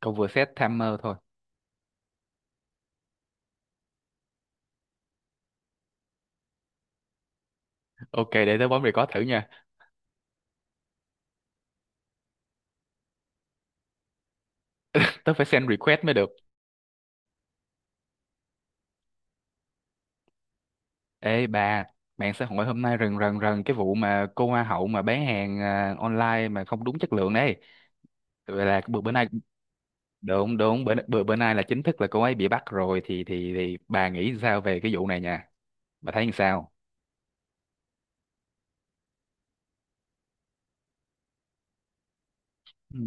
Cậu vừa set timer thôi. Ok, để tớ bấm record thử nha. Tớ phải send request mới được. Ê bà, mạng xã hội hôm nay rần rần rần cái vụ mà cô hoa hậu mà bán hàng à, online mà không đúng chất lượng đấy. Vậy là bữa bữa nay đúng đúng bữa bữa bữa nay là chính thức là cô ấy bị bắt rồi thì bà nghĩ sao về cái vụ này nha? Bà thấy như sao? Ừ.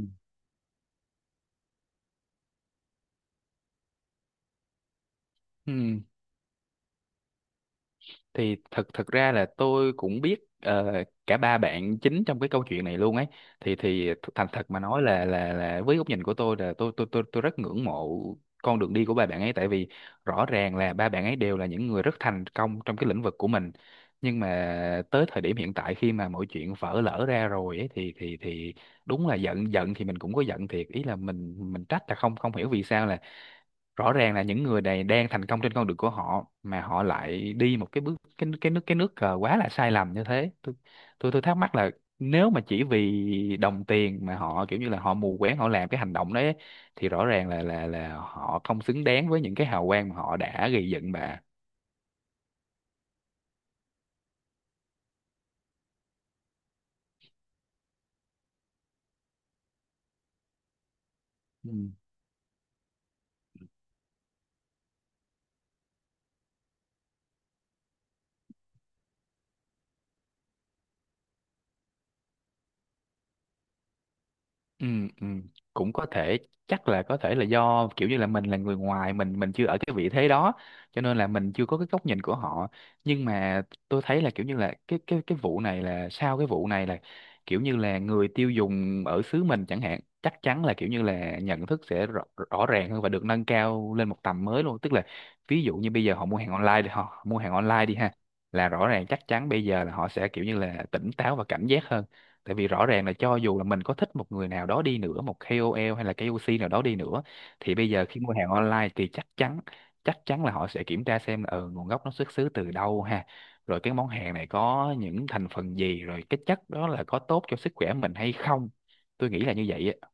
Ừ, thì thật thật ra là tôi cũng biết ờ, cả ba bạn chính trong cái câu chuyện này luôn ấy thì thành thật mà nói là là với góc nhìn của tôi là tôi rất ngưỡng mộ con đường đi của ba bạn ấy, tại vì rõ ràng là ba bạn ấy đều là những người rất thành công trong cái lĩnh vực của mình. Nhưng mà tới thời điểm hiện tại khi mà mọi chuyện vỡ lở ra rồi ấy thì thì đúng là giận, giận thì mình cũng có giận thiệt, ý là mình trách là không, không hiểu vì sao là rõ ràng là những người này đang thành công trên con đường của họ mà họ lại đi một cái bước cái nước cờ quá là sai lầm như thế. Tôi tôi thắc mắc là nếu mà chỉ vì đồng tiền mà họ kiểu như là họ mù quáng họ làm cái hành động đấy ấy, thì rõ ràng là là họ không xứng đáng với những cái hào quang mà họ đã gây dựng mà. Ừ. ừ ừ, cũng có thể, chắc là có thể là do kiểu như là mình là người ngoài, mình chưa ở cái vị thế đó cho nên là mình chưa có cái góc nhìn của họ. Nhưng mà tôi thấy là kiểu như là cái cái vụ này, là sau cái vụ này là kiểu như là người tiêu dùng ở xứ mình chẳng hạn chắc chắn là kiểu như là nhận thức sẽ rõ, rõ ràng hơn và được nâng cao lên một tầm mới luôn, tức là ví dụ như bây giờ họ mua hàng online đi, họ mua hàng online đi ha, là rõ ràng chắc chắn bây giờ là họ sẽ kiểu như là tỉnh táo và cảnh giác hơn, tại vì rõ ràng là cho dù là mình có thích một người nào đó đi nữa, một KOL hay là KOC nào đó đi nữa, thì bây giờ khi mua hàng online thì chắc chắn, chắc chắn là họ sẽ kiểm tra xem là ừ, nguồn gốc nó xuất xứ từ đâu ha, rồi cái món hàng này có những thành phần gì, rồi cái chất đó là có tốt cho sức khỏe mình hay không. Tôi nghĩ là như vậy á.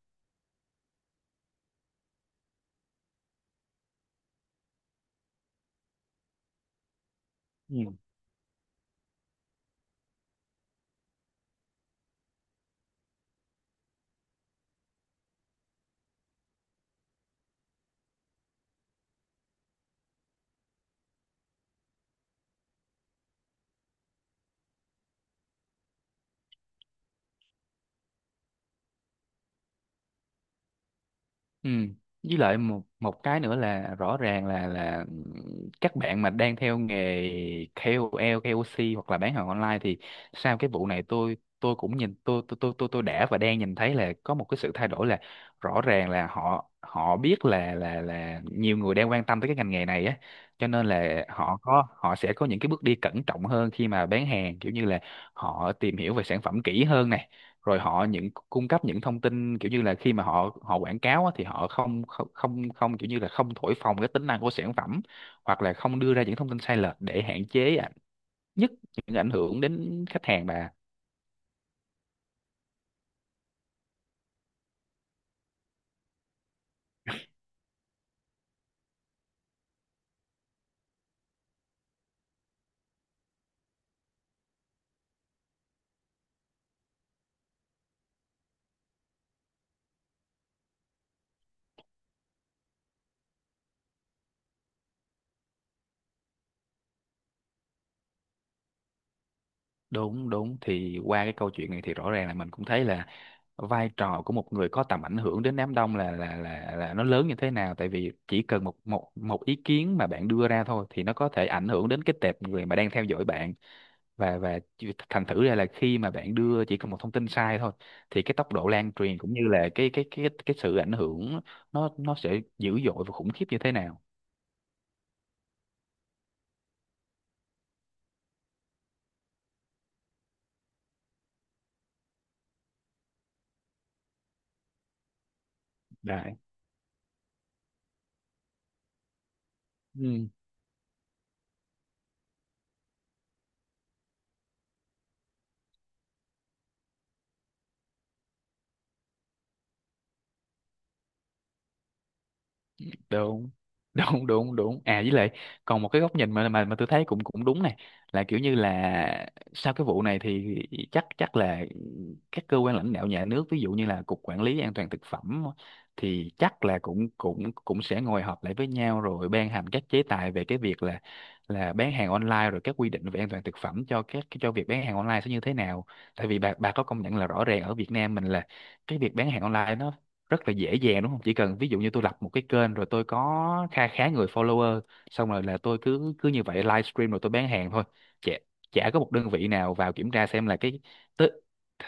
Ừ. Ừ. Với lại một một cái nữa là rõ ràng là các bạn mà đang theo nghề KOL, KOC hoặc là bán hàng online thì sau cái vụ này tôi cũng nhìn, tôi đã và đang nhìn thấy là có một cái sự thay đổi, là rõ ràng là họ họ biết là là nhiều người đang quan tâm tới cái ngành nghề này á, cho nên là họ sẽ có những cái bước đi cẩn trọng hơn khi mà bán hàng, kiểu như là họ tìm hiểu về sản phẩm kỹ hơn này, rồi họ cung cấp những thông tin kiểu như là khi mà họ họ quảng cáo á, thì họ không không không không kiểu như là không thổi phồng cái tính năng của sản phẩm, hoặc là không đưa ra những thông tin sai lệch để hạn chế ạ, nhất những ảnh hưởng đến khách hàng bà. Đúng đúng thì qua cái câu chuyện này thì rõ ràng là mình cũng thấy là vai trò của một người có tầm ảnh hưởng đến đám đông là nó lớn như thế nào, tại vì chỉ cần một một một ý kiến mà bạn đưa ra thôi thì nó có thể ảnh hưởng đến cái tệp người mà đang theo dõi bạn. Và thành thử ra là khi mà bạn đưa chỉ cần một thông tin sai thôi, thì cái tốc độ lan truyền cũng như là cái sự ảnh hưởng nó, sẽ dữ dội và khủng khiếp như thế nào đấy. Ừ. đúng đúng đúng đúng à với lại còn một cái góc nhìn mà mà tôi thấy cũng, cũng đúng này, là kiểu như là sau cái vụ này thì chắc chắc là các cơ quan lãnh đạo nhà nước, ví dụ như là cục quản lý an toàn thực phẩm, thì chắc là cũng cũng cũng sẽ ngồi họp lại với nhau rồi ban hành các chế tài về cái việc là bán hàng online, rồi các quy định về an toàn thực phẩm cho các, cho việc bán hàng online sẽ như thế nào. Tại vì bà, có công nhận là rõ ràng ở Việt Nam mình là cái việc bán hàng online nó rất là dễ dàng đúng không? Chỉ cần ví dụ như tôi lập một cái kênh rồi tôi có kha khá người follower, xong rồi là tôi cứ, như vậy livestream rồi tôi bán hàng thôi. Chả, có một đơn vị nào vào kiểm tra xem là cái, tức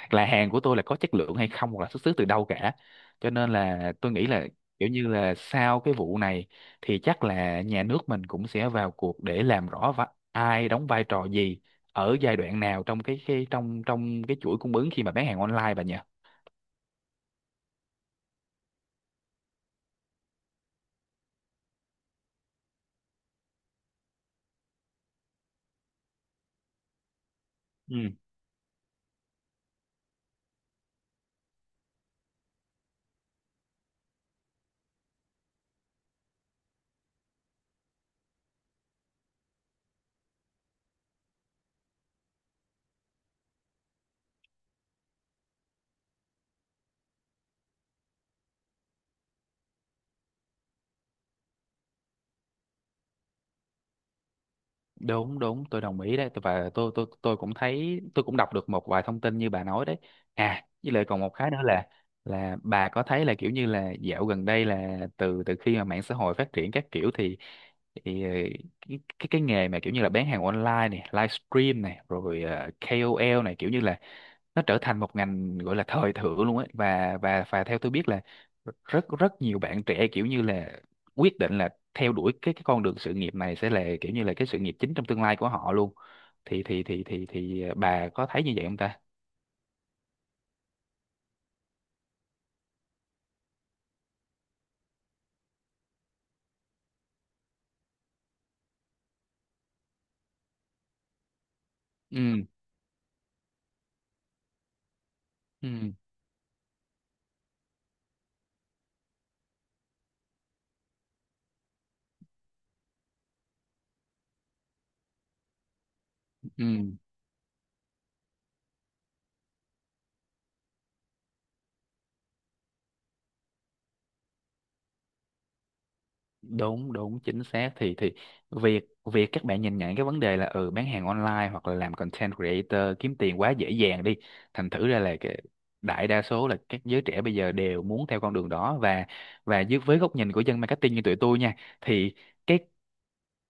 là hàng của tôi là có chất lượng hay không hoặc là xuất xứ từ đâu cả. Cho nên là tôi nghĩ là kiểu như là sau cái vụ này thì chắc là nhà nước mình cũng sẽ vào cuộc để làm rõ ai đóng vai trò gì ở giai đoạn nào trong cái trong trong cái chuỗi cung ứng khi mà bán hàng online bà nhỉ. Ừ. đúng đúng tôi đồng ý đấy, tôi và tôi tôi cũng thấy, tôi cũng đọc được một vài thông tin như bà nói đấy. À với lại còn một cái nữa là, bà có thấy là kiểu như là dạo gần đây là từ từ khi mà mạng xã hội phát triển các kiểu thì cái, cái nghề mà kiểu như là bán hàng online này, livestream này, rồi KOL này, kiểu như là nó trở thành một ngành gọi là thời thượng luôn ấy. Và theo tôi biết là rất rất nhiều bạn trẻ kiểu như là quyết định là theo đuổi cái, con đường sự nghiệp này sẽ là kiểu như là cái sự nghiệp chính trong tương lai của họ luôn. Thì bà có thấy như vậy không ta? Ừ ừ ừ đúng đúng chính xác. Thì việc, các bạn nhìn nhận cái vấn đề là ừ, bán hàng online hoặc là làm content creator kiếm tiền quá dễ dàng đi, thành thử ra là cái đại đa số là các giới trẻ bây giờ đều muốn theo con đường đó. Và dưới, với góc nhìn của dân marketing như tụi tôi nha, thì cái,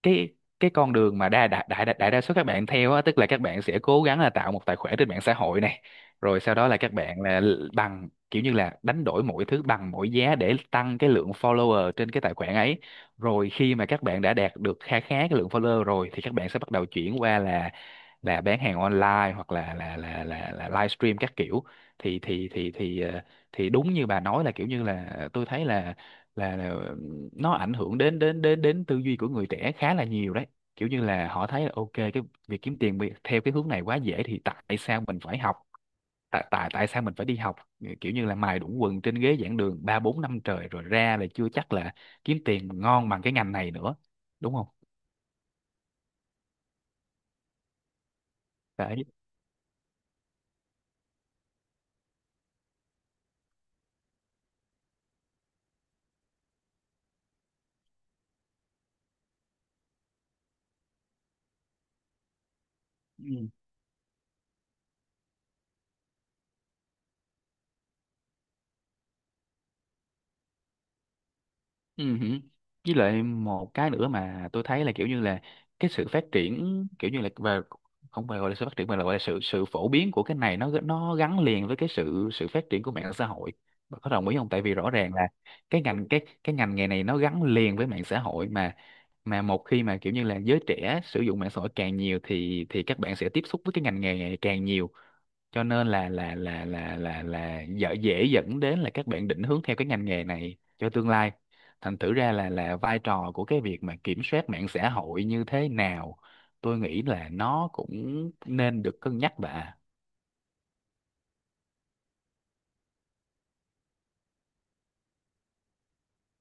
cái cái con đường mà đa đại đại đại, đại đa số các bạn theo á, tức là các bạn sẽ cố gắng là tạo một tài khoản trên mạng xã hội này, rồi sau đó là các bạn là bằng kiểu như là đánh đổi mọi thứ bằng mọi giá để tăng cái lượng follower trên cái tài khoản ấy. Rồi khi mà các bạn đã đạt được khá khá cái lượng follower rồi thì các bạn sẽ bắt đầu chuyển qua là bán hàng online hoặc là livestream các kiểu. thì thì thì thì ờ, thì đúng như bà nói là kiểu như là tôi thấy là, là, là nó ảnh hưởng đến đến đến đến tư duy của người trẻ khá là nhiều đấy, kiểu như là họ thấy là ok cái việc kiếm tiền theo cái hướng này quá dễ thì tại sao mình phải học, tại tại tại sao mình phải đi học? Ờ, kiểu như là mài đũng quần trên ghế giảng đường ba bốn năm trời rồi ra là chưa chắc là kiếm tiền ngon bằng cái ngành này nữa, đúng không? Đấy. Ừ. Hử. Với lại một cái nữa mà tôi thấy là kiểu như là cái sự phát triển kiểu như là về, không phải gọi là sự phát triển mà là gọi là sự, phổ biến của cái này, nó gắn liền với cái sự, phát triển của mạng xã hội. Bà có đồng ý không? Tại vì rõ ràng là cái ngành, cái ngành nghề này nó gắn liền với mạng xã hội mà một khi mà kiểu như là giới trẻ sử dụng mạng xã hội càng nhiều thì các bạn sẽ tiếp xúc với cái ngành nghề này càng nhiều, cho nên là dễ, dẫn đến là các bạn định hướng theo cái ngành nghề này cho tương lai. Thành thử ra là vai trò của cái việc mà kiểm soát mạng xã hội như thế nào, tôi nghĩ là nó cũng nên được cân nhắc bà.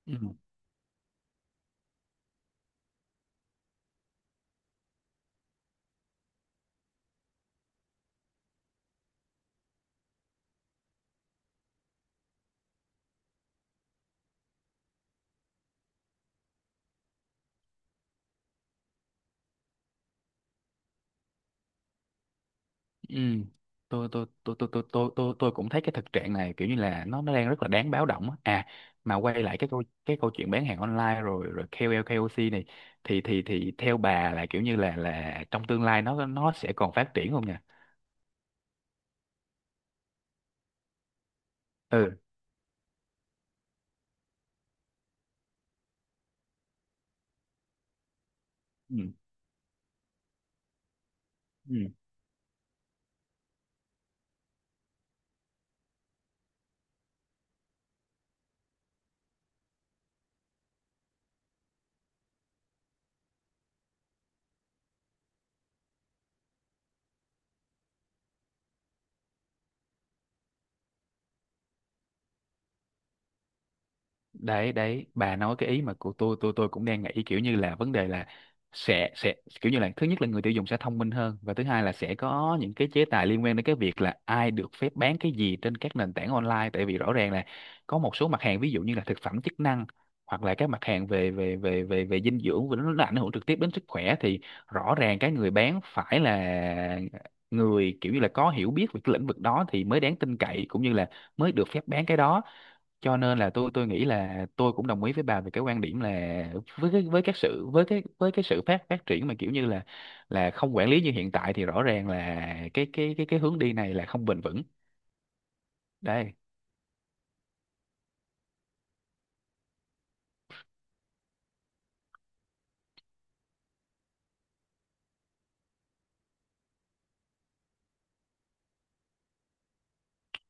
Ừ. Ừ. Tôi cũng thấy cái thực trạng này kiểu như là nó, đang rất là đáng báo động á. À mà quay lại cái câu, câu chuyện bán hàng online rồi, ca O KOC này, thì theo bà là kiểu như là, trong tương lai nó, sẽ còn phát triển không nhỉ? Ừ ừ ừ đấy đấy bà nói cái ý mà của tôi, tôi cũng đang nghĩ, kiểu như là vấn đề là sẽ, kiểu như là, thứ nhất là người tiêu dùng sẽ thông minh hơn, và thứ hai là sẽ có những cái chế tài liên quan đến cái việc là ai được phép bán cái gì trên các nền tảng online. Tại vì rõ ràng là có một số mặt hàng ví dụ như là thực phẩm chức năng, hoặc là các mặt hàng về về về về về dinh dưỡng, và nó ảnh hưởng trực tiếp đến sức khỏe, thì rõ ràng cái người bán phải là người kiểu như là có hiểu biết về cái lĩnh vực đó thì mới đáng tin cậy, cũng như là mới được phép bán cái đó. Cho nên là tôi, nghĩ là tôi cũng đồng ý với bà về cái quan điểm là, với cái, với các sự, với cái, sự phát phát triển mà kiểu như là không quản lý như hiện tại, thì rõ ràng là cái hướng đi này là không bền vững. Đây.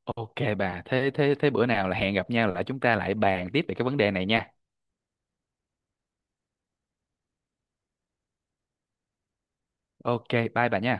Ok bà, thế thế thế bữa nào là hẹn gặp nhau lại, chúng ta lại bàn tiếp về cái vấn đề này nha. Ok, bye bà nha.